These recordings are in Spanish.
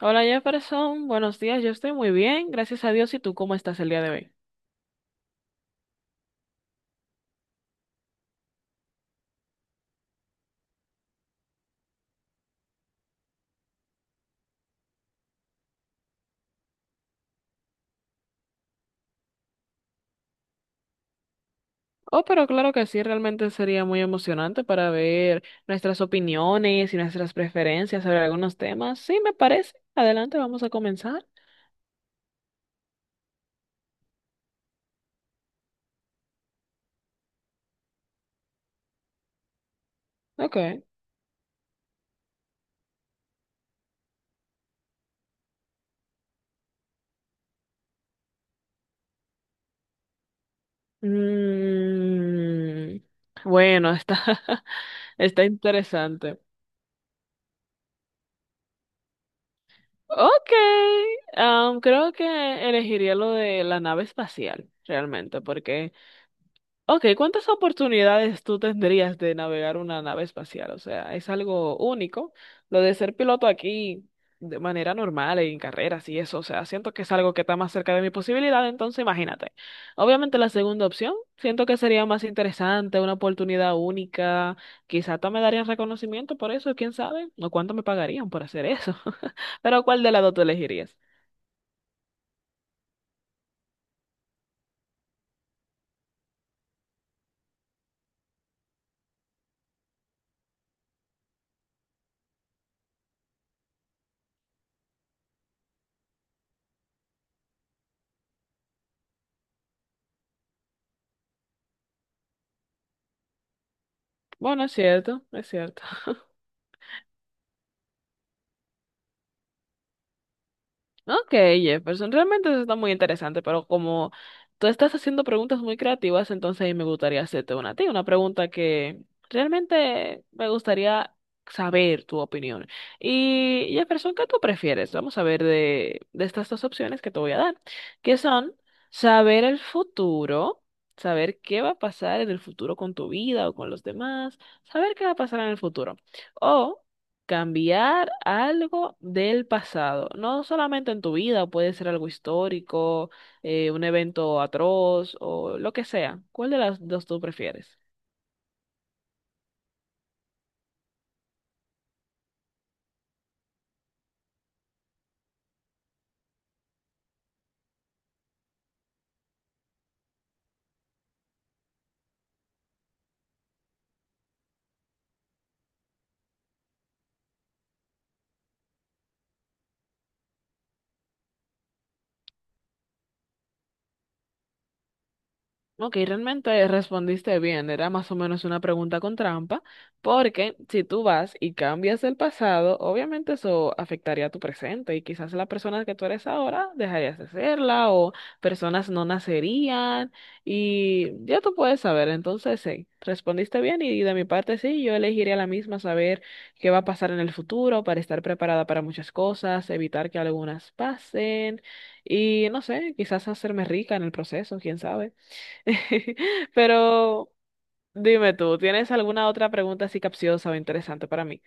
Hola Jefferson, buenos días, yo estoy muy bien, gracias a Dios. ¿Y tú cómo estás el día de hoy? Oh, pero claro que sí, realmente sería muy emocionante para ver nuestras opiniones y nuestras preferencias sobre algunos temas. Sí, me parece. Adelante, vamos a comenzar. Ok. Mm, bueno, está, está interesante. Ok, creo que elegiría lo de la nave espacial, realmente, porque Ok, ¿cuántas oportunidades tú tendrías de navegar una nave espacial? O sea, es algo único. Lo de ser piloto aquí de manera normal, en carreras y eso, o sea, siento que es algo que está más cerca de mi posibilidad, entonces imagínate. Obviamente la segunda opción, siento que sería más interesante, una oportunidad única, quizá hasta me darían reconocimiento por eso, quién sabe, o cuánto me pagarían por hacer eso. Pero ¿cuál de las dos tú elegirías? Bueno, es cierto, es cierto. Ok, Jefferson, realmente eso está muy interesante, pero como tú estás haciendo preguntas muy creativas, entonces ahí me gustaría hacerte una a ti, una pregunta que realmente me gustaría saber tu opinión. Y Jefferson, ¿qué tú prefieres? Vamos a ver de estas dos opciones que te voy a dar, que son saber el futuro, saber qué va a pasar en el futuro con tu vida o con los demás, saber qué va a pasar en el futuro, o cambiar algo del pasado, no solamente en tu vida, puede ser algo histórico, un evento atroz o lo que sea. ¿Cuál de las dos tú prefieres? Ok, realmente respondiste bien. Era más o menos una pregunta con trampa, porque si tú vas y cambias el pasado, obviamente eso afectaría a tu presente y quizás la persona que tú eres ahora dejarías de serla o personas no nacerían y ya tú puedes saber. Entonces, sí, respondiste bien y de mi parte sí, yo elegiría la misma, saber qué va a pasar en el futuro para estar preparada para muchas cosas, evitar que algunas pasen y no sé, quizás hacerme rica en el proceso, quién sabe. Pero dime tú, ¿tienes alguna otra pregunta así capciosa o interesante para mí?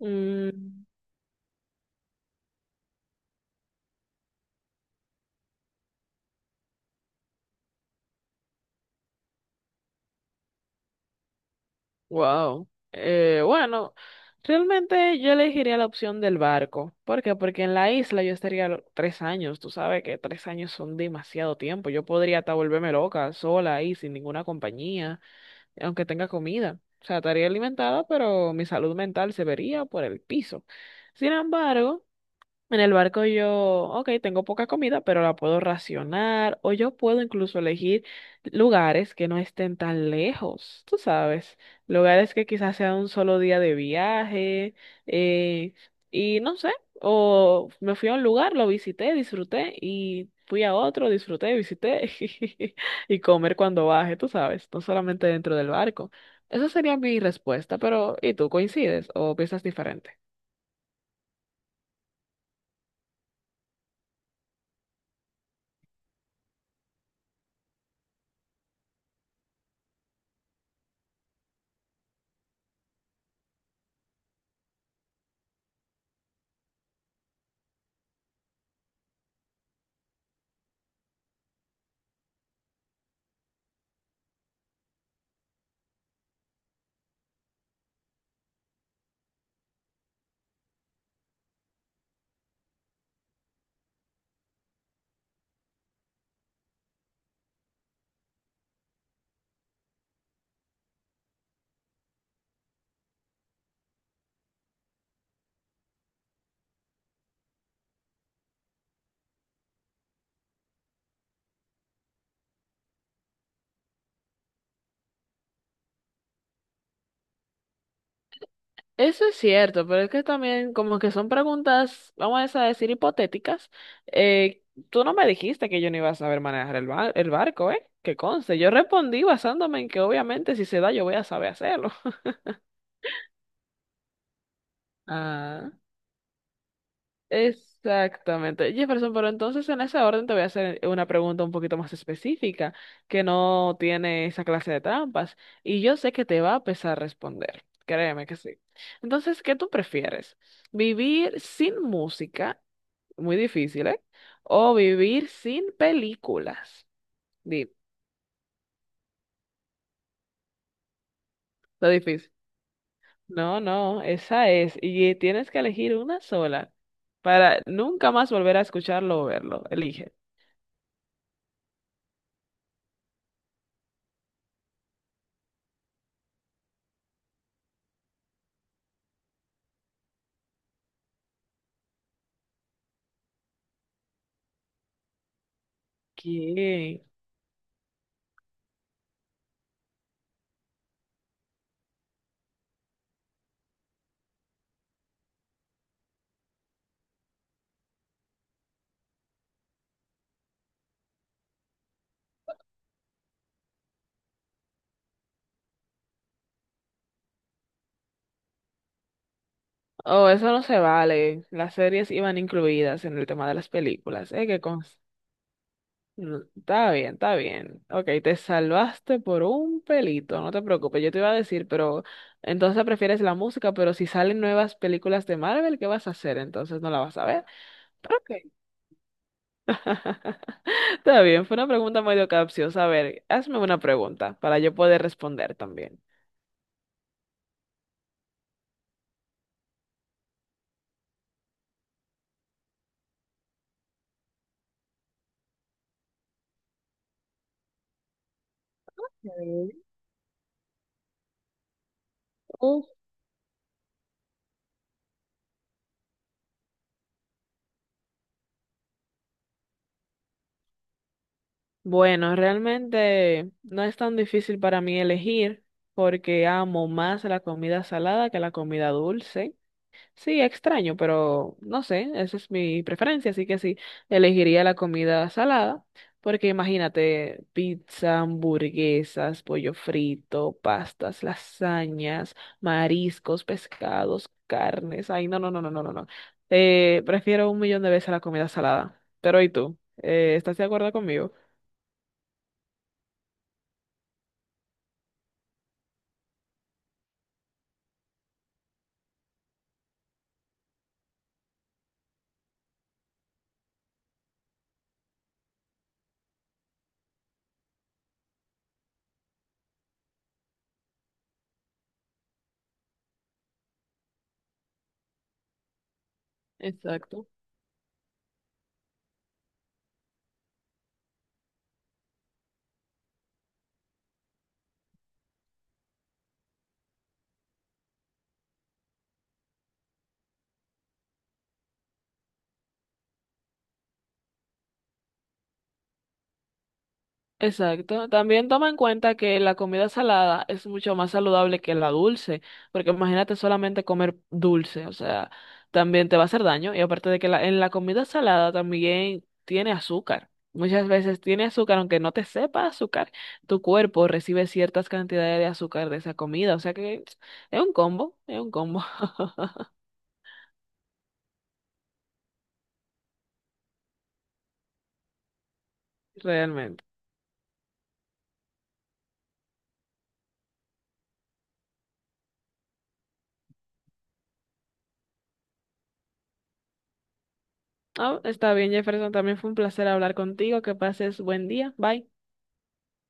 Mm, wow. Bueno, realmente yo elegiría la opción del barco. ¿Por qué? Porque en la isla yo estaría 3 años. Tú sabes que 3 años son demasiado tiempo. Yo podría hasta volverme loca, sola ahí, sin ninguna compañía, aunque tenga comida. O sea, estaría alimentada, pero mi salud mental se vería por el piso. Sin embargo, en el barco yo, ok, tengo poca comida, pero la puedo racionar o yo puedo incluso elegir lugares que no estén tan lejos, tú sabes, lugares que quizás sea un solo día de viaje eh, y no sé, o me fui a un lugar, lo visité, disfruté y fui a otro, disfruté, visité y comer cuando baje, tú sabes, no solamente dentro del barco. Esa sería mi respuesta, pero ¿y tú coincides o piensas diferente? Eso es cierto, pero es que también como que son preguntas, vamos a decir, hipotéticas. Eh, tú no me dijiste que yo no iba a saber manejar el barco, ¿eh? Que conste, yo respondí basándome en que obviamente si se da yo voy a saber hacerlo. Ah. Exactamente. Jefferson, pero entonces en ese orden te voy a hacer una pregunta un poquito más específica, que no tiene esa clase de trampas, y yo sé que te va a pesar responder. Créeme que sí. Entonces, ¿qué tú prefieres? ¿Vivir sin música? Muy difícil, ¿eh? ¿O vivir sin películas? Di, lo difícil. No, no, esa es. Y tienes que elegir una sola para nunca más volver a escucharlo o verlo. Elige. ¿Qué? Oh, eso no se vale. Las series iban incluidas en el tema de las películas. Mm, está bien, está bien. Ok, te salvaste por un pelito, no te preocupes. Yo te iba a decir, pero entonces prefieres la música, pero si salen nuevas películas de Marvel, ¿qué vas a hacer? Entonces no la vas a ver. Pero ok. Está bien, fue una pregunta medio capciosa. A ver, hazme una pregunta para yo poder responder también. Ok. Bueno, realmente no es tan difícil para mí elegir porque amo más la comida salada que la comida dulce. Sí, extraño, pero no sé, esa es mi preferencia, así que sí, elegiría la comida salada porque imagínate pizza, hamburguesas, pollo frito, pastas, lasañas, mariscos, pescados, carnes. Ay, no, no, no, no, no, no. no. Prefiero un millón de veces la comida salada. Pero ¿y tú? ¿Estás de acuerdo conmigo? Exacto, exacto. También toma en cuenta que la comida salada es mucho más saludable que la dulce, porque imagínate solamente comer dulce, o sea, también te va a hacer daño. Y aparte de que en la comida salada también tiene azúcar. Muchas veces tiene azúcar, aunque no te sepa azúcar, tu cuerpo recibe ciertas cantidades de azúcar de esa comida, o sea que es un combo, realmente. Ah, está bien, Jefferson, también fue un placer hablar contigo, que pases buen día, bye.